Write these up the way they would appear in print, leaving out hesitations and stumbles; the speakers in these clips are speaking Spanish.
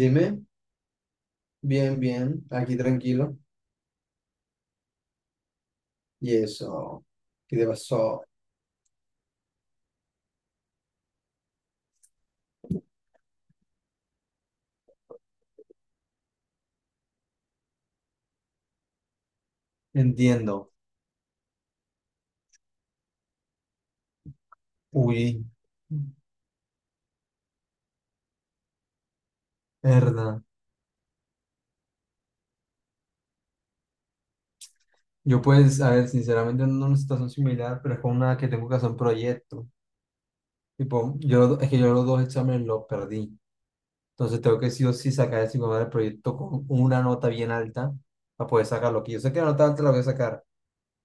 Dime, bien, bien, aquí tranquilo. Y eso, ¿qué te pasó? Entiendo. Uy, verdad. Yo pues, a ver, sinceramente ando en una situación similar, pero es con una que tengo que hacer un proyecto. Tipo, yo, es que yo los dos exámenes los perdí. Entonces tengo que sí o sí sacar el del proyecto con una nota bien alta para poder sacarlo. Que yo sé que la nota alta la voy a sacar.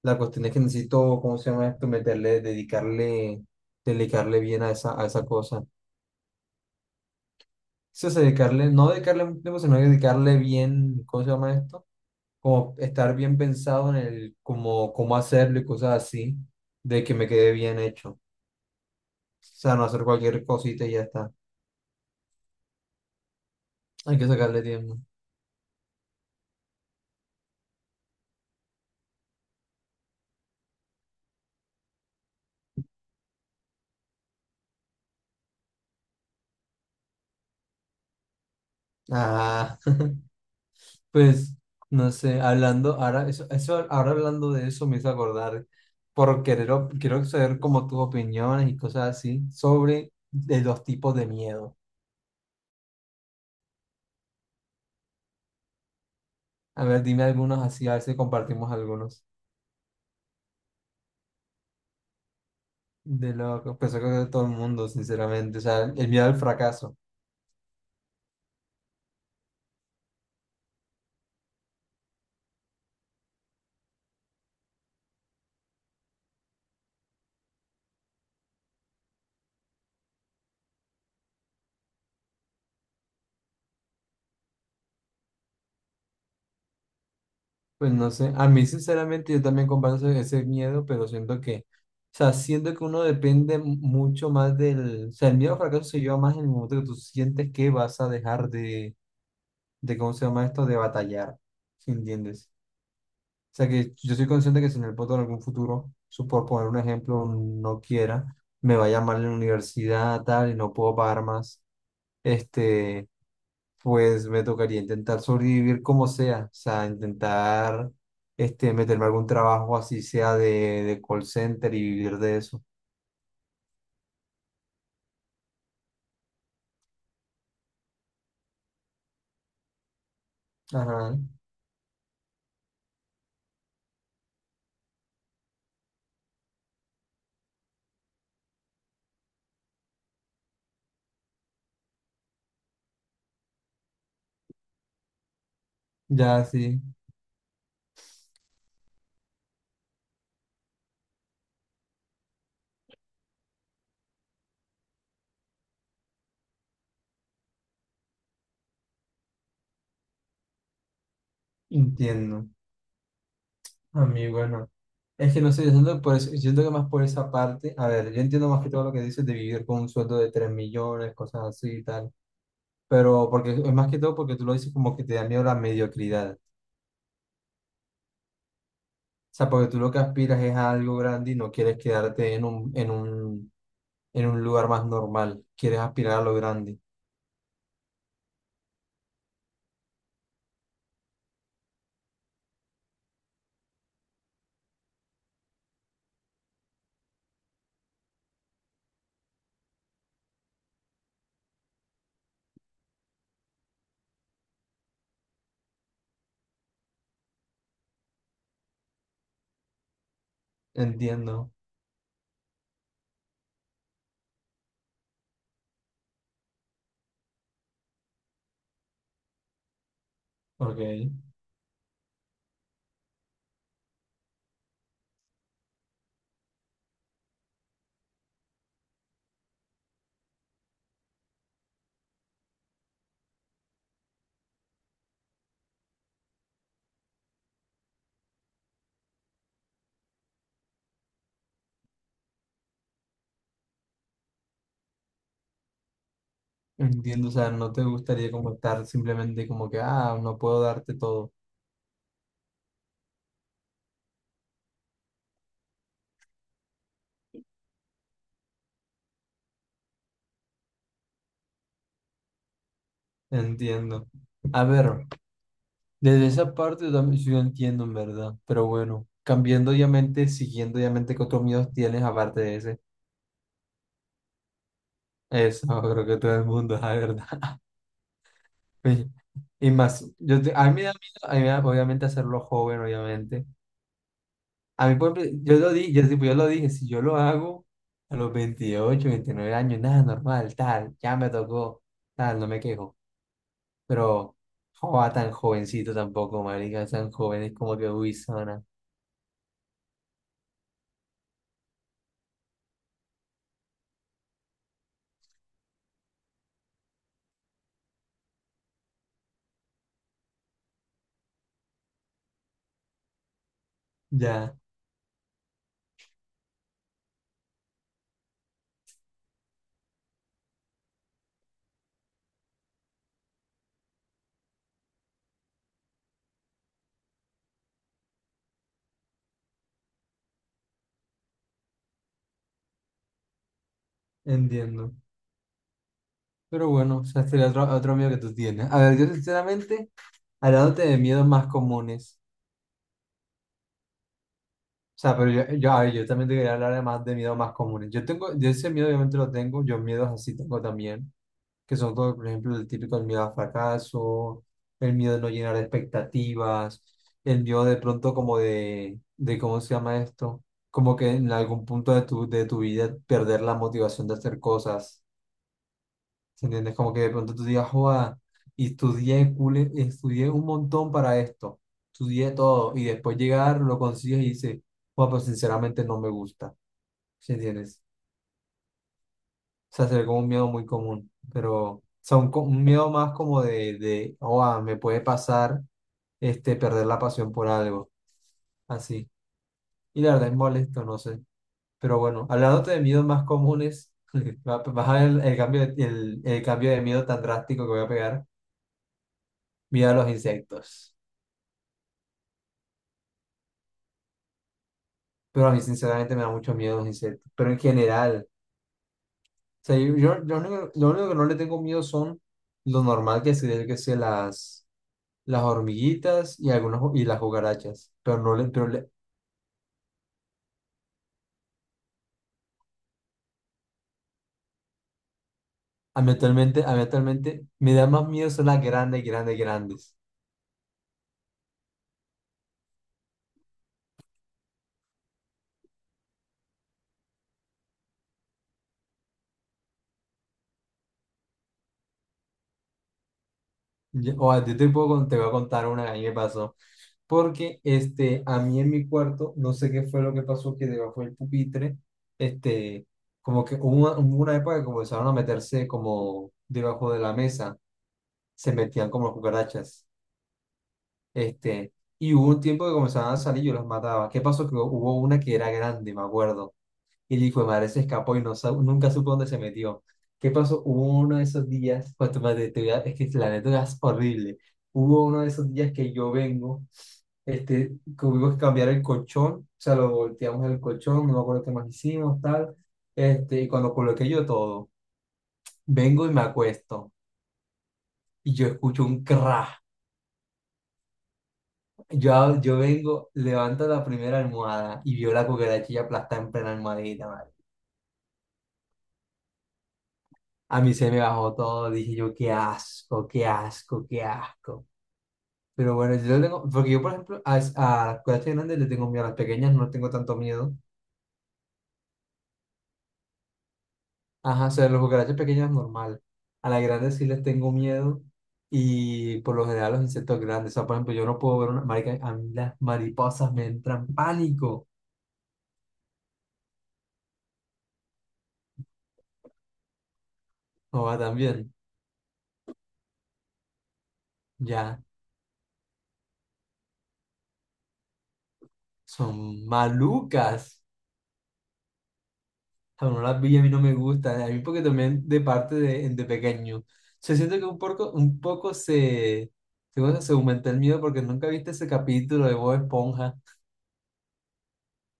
La cuestión es que necesito, ¿cómo se llama esto? Meterle, dedicarle, dedicarle bien a esa cosa. Sí, o sea, dedicarle, no dedicarle mucho tiempo, sino dedicarle bien, ¿cómo se llama esto? Como estar bien pensado en el, como, cómo hacerlo y cosas así, de que me quede bien hecho. O sea, no hacer cualquier cosita y ya está. Hay que sacarle tiempo. Ah, pues, no sé, hablando, ahora, eso, ahora hablando de eso me hizo acordar, por querer, quiero saber como tus opiniones y cosas así, sobre de los tipos de miedo. A ver, dime algunos así, a ver si compartimos algunos. De loco, pues yo creo que todo el mundo, sinceramente, o sea, el miedo al fracaso, pues no sé, a mí sinceramente yo también comparto ese, ese miedo, pero siento que, o sea, siento que uno depende mucho más del, o sea, el miedo al fracaso se lleva más en el momento que tú sientes que vas a dejar de ¿cómo se llama esto?, de batallar, ¿sí entiendes? O sea, que yo soy consciente que si en el punto en algún futuro, por poner un ejemplo, no quiera, me vaya mal en la universidad, tal, y no puedo pagar más, este. Pues me tocaría intentar sobrevivir como sea, o sea, intentar este, meterme a algún trabajo así sea de call center y vivir de eso. Ajá, ya sí, entiendo. A mí, bueno, es que no sé, yo siento, que siento que más por esa parte, a ver, yo entiendo más que todo lo que dices de vivir con un sueldo de 3 millones, cosas así y tal, pero porque es más que todo porque tú lo dices como que te da miedo la mediocridad. Sea, porque tú lo que aspiras es a algo grande y no quieres quedarte en un, en un, en un lugar más normal. Quieres aspirar a lo grande. Entiendo. Ok. Entiendo. O sea, no te gustaría como estar simplemente como que, ah, no puedo darte todo. Entiendo. A ver, desde esa parte yo también sí lo entiendo, en verdad. Pero bueno, cambiando obviamente, siguiendo obviamente qué otros miedos tienes aparte de ese. Eso, creo que todo el mundo, la verdad. Sí. Y más, a mí me da miedo, a mí me da- obviamente hacerlo joven, obviamente. A mí, por ejemplo, yo lo dije, yo, tipo, yo lo dije, si yo lo hago a los 28 o 29 años, nada, normal, tal, ya me tocó, tal, no me quejo. Pero, joa, tan jovencito tampoco, marica, tan joven, es como que, uy, zona. Ya, entiendo. Pero bueno, o sea, este es otro, otro miedo que tú tienes. A ver, yo sinceramente, hablándote de miedos más comunes. O sea, pero yo, a ver, yo también te quería hablar además de miedos más comunes. Yo tengo, yo ese miedo obviamente lo tengo, yo miedos así tengo también, que son todo por ejemplo, el típico el miedo al fracaso, el miedo de no llenar expectativas, el miedo de pronto como de ¿cómo se llama esto? Como que en algún punto de tu vida perder la motivación de hacer cosas. ¿Se entiendes? Como que de pronto tú digas, joda, y estudié, estudié un montón para esto, estudié todo, y después llegar, lo consigues y dices, joda, pues sinceramente no me gusta, ¿se entiendes? O sea, se ve como un miedo muy común, pero, o sea, un, un miedo más como de, joda, me puede pasar, este, perder la pasión por algo, así. Y la verdad es molesto, no sé. Pero bueno, hablándote de miedos más comunes, vas a ver el cambio, el cambio de miedo tan drástico que voy a pegar, miedo a los insectos. Pero a mí sinceramente me da mucho miedo los insectos. Pero en general, o sea, yo, yo lo único que no le tengo miedo son lo normal que sería que sea las hormiguitas y algunas y las cucarachas. Pero no le, a mí actualmente me da más miedo son las grandes, grandes, grandes. O a ti te puedo, te voy a contar una que a mí me pasó. Porque este, a mí en mi cuarto, no sé qué fue lo que pasó, que debajo del pupitre, este, como que hubo una época que comenzaron a meterse como debajo de la mesa, se metían como las cucarachas. Este, y hubo un tiempo que comenzaban a salir y yo las mataba. ¿Qué pasó? Que hubo una que era grande, me acuerdo, y el hijo de madre se escapó y no, nunca supo dónde se metió. ¿Qué pasó? Hubo uno de esos días, pues, es que la neta es horrible. Hubo uno de esos días que yo vengo este, tuvimos que cambiar el colchón, o sea, lo volteamos el colchón, no me acuerdo qué más hicimos, tal, este, y cuando coloqué yo todo, vengo y me acuesto, y yo escucho un crash, yo vengo, levanto la primera almohada, y veo la cucaracha ya aplastada en plena almohadita. A mí se me bajó todo, dije yo, qué asco, qué asco, qué asco. Pero bueno, yo lo tengo, porque yo, por ejemplo, a las cucarachas grandes le tengo miedo, a las pequeñas no tengo tanto miedo. Ajá, o sea, a las cucarachas pequeñas normal. A las grandes sí les tengo miedo y por lo general a los insectos grandes. O sea, por ejemplo, yo no puedo ver una marica, a mí las mariposas me entran pánico. O va también, ya, son malucas. Aún no las vi, a mí no me gusta, a mí porque también de parte de pequeño. Se siente que un poco se, se, cosa, se aumenta el miedo porque nunca viste ese capítulo de Bob Esponja.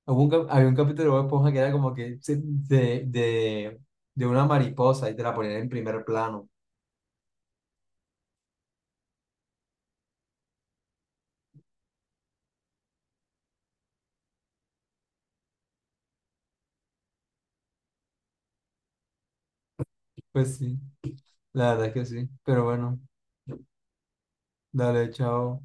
Hubo un había un capítulo de Bob Esponja que era como que de una mariposa y te la ponían en primer plano. Pues sí, la verdad es que sí. Pero bueno, dale, chao.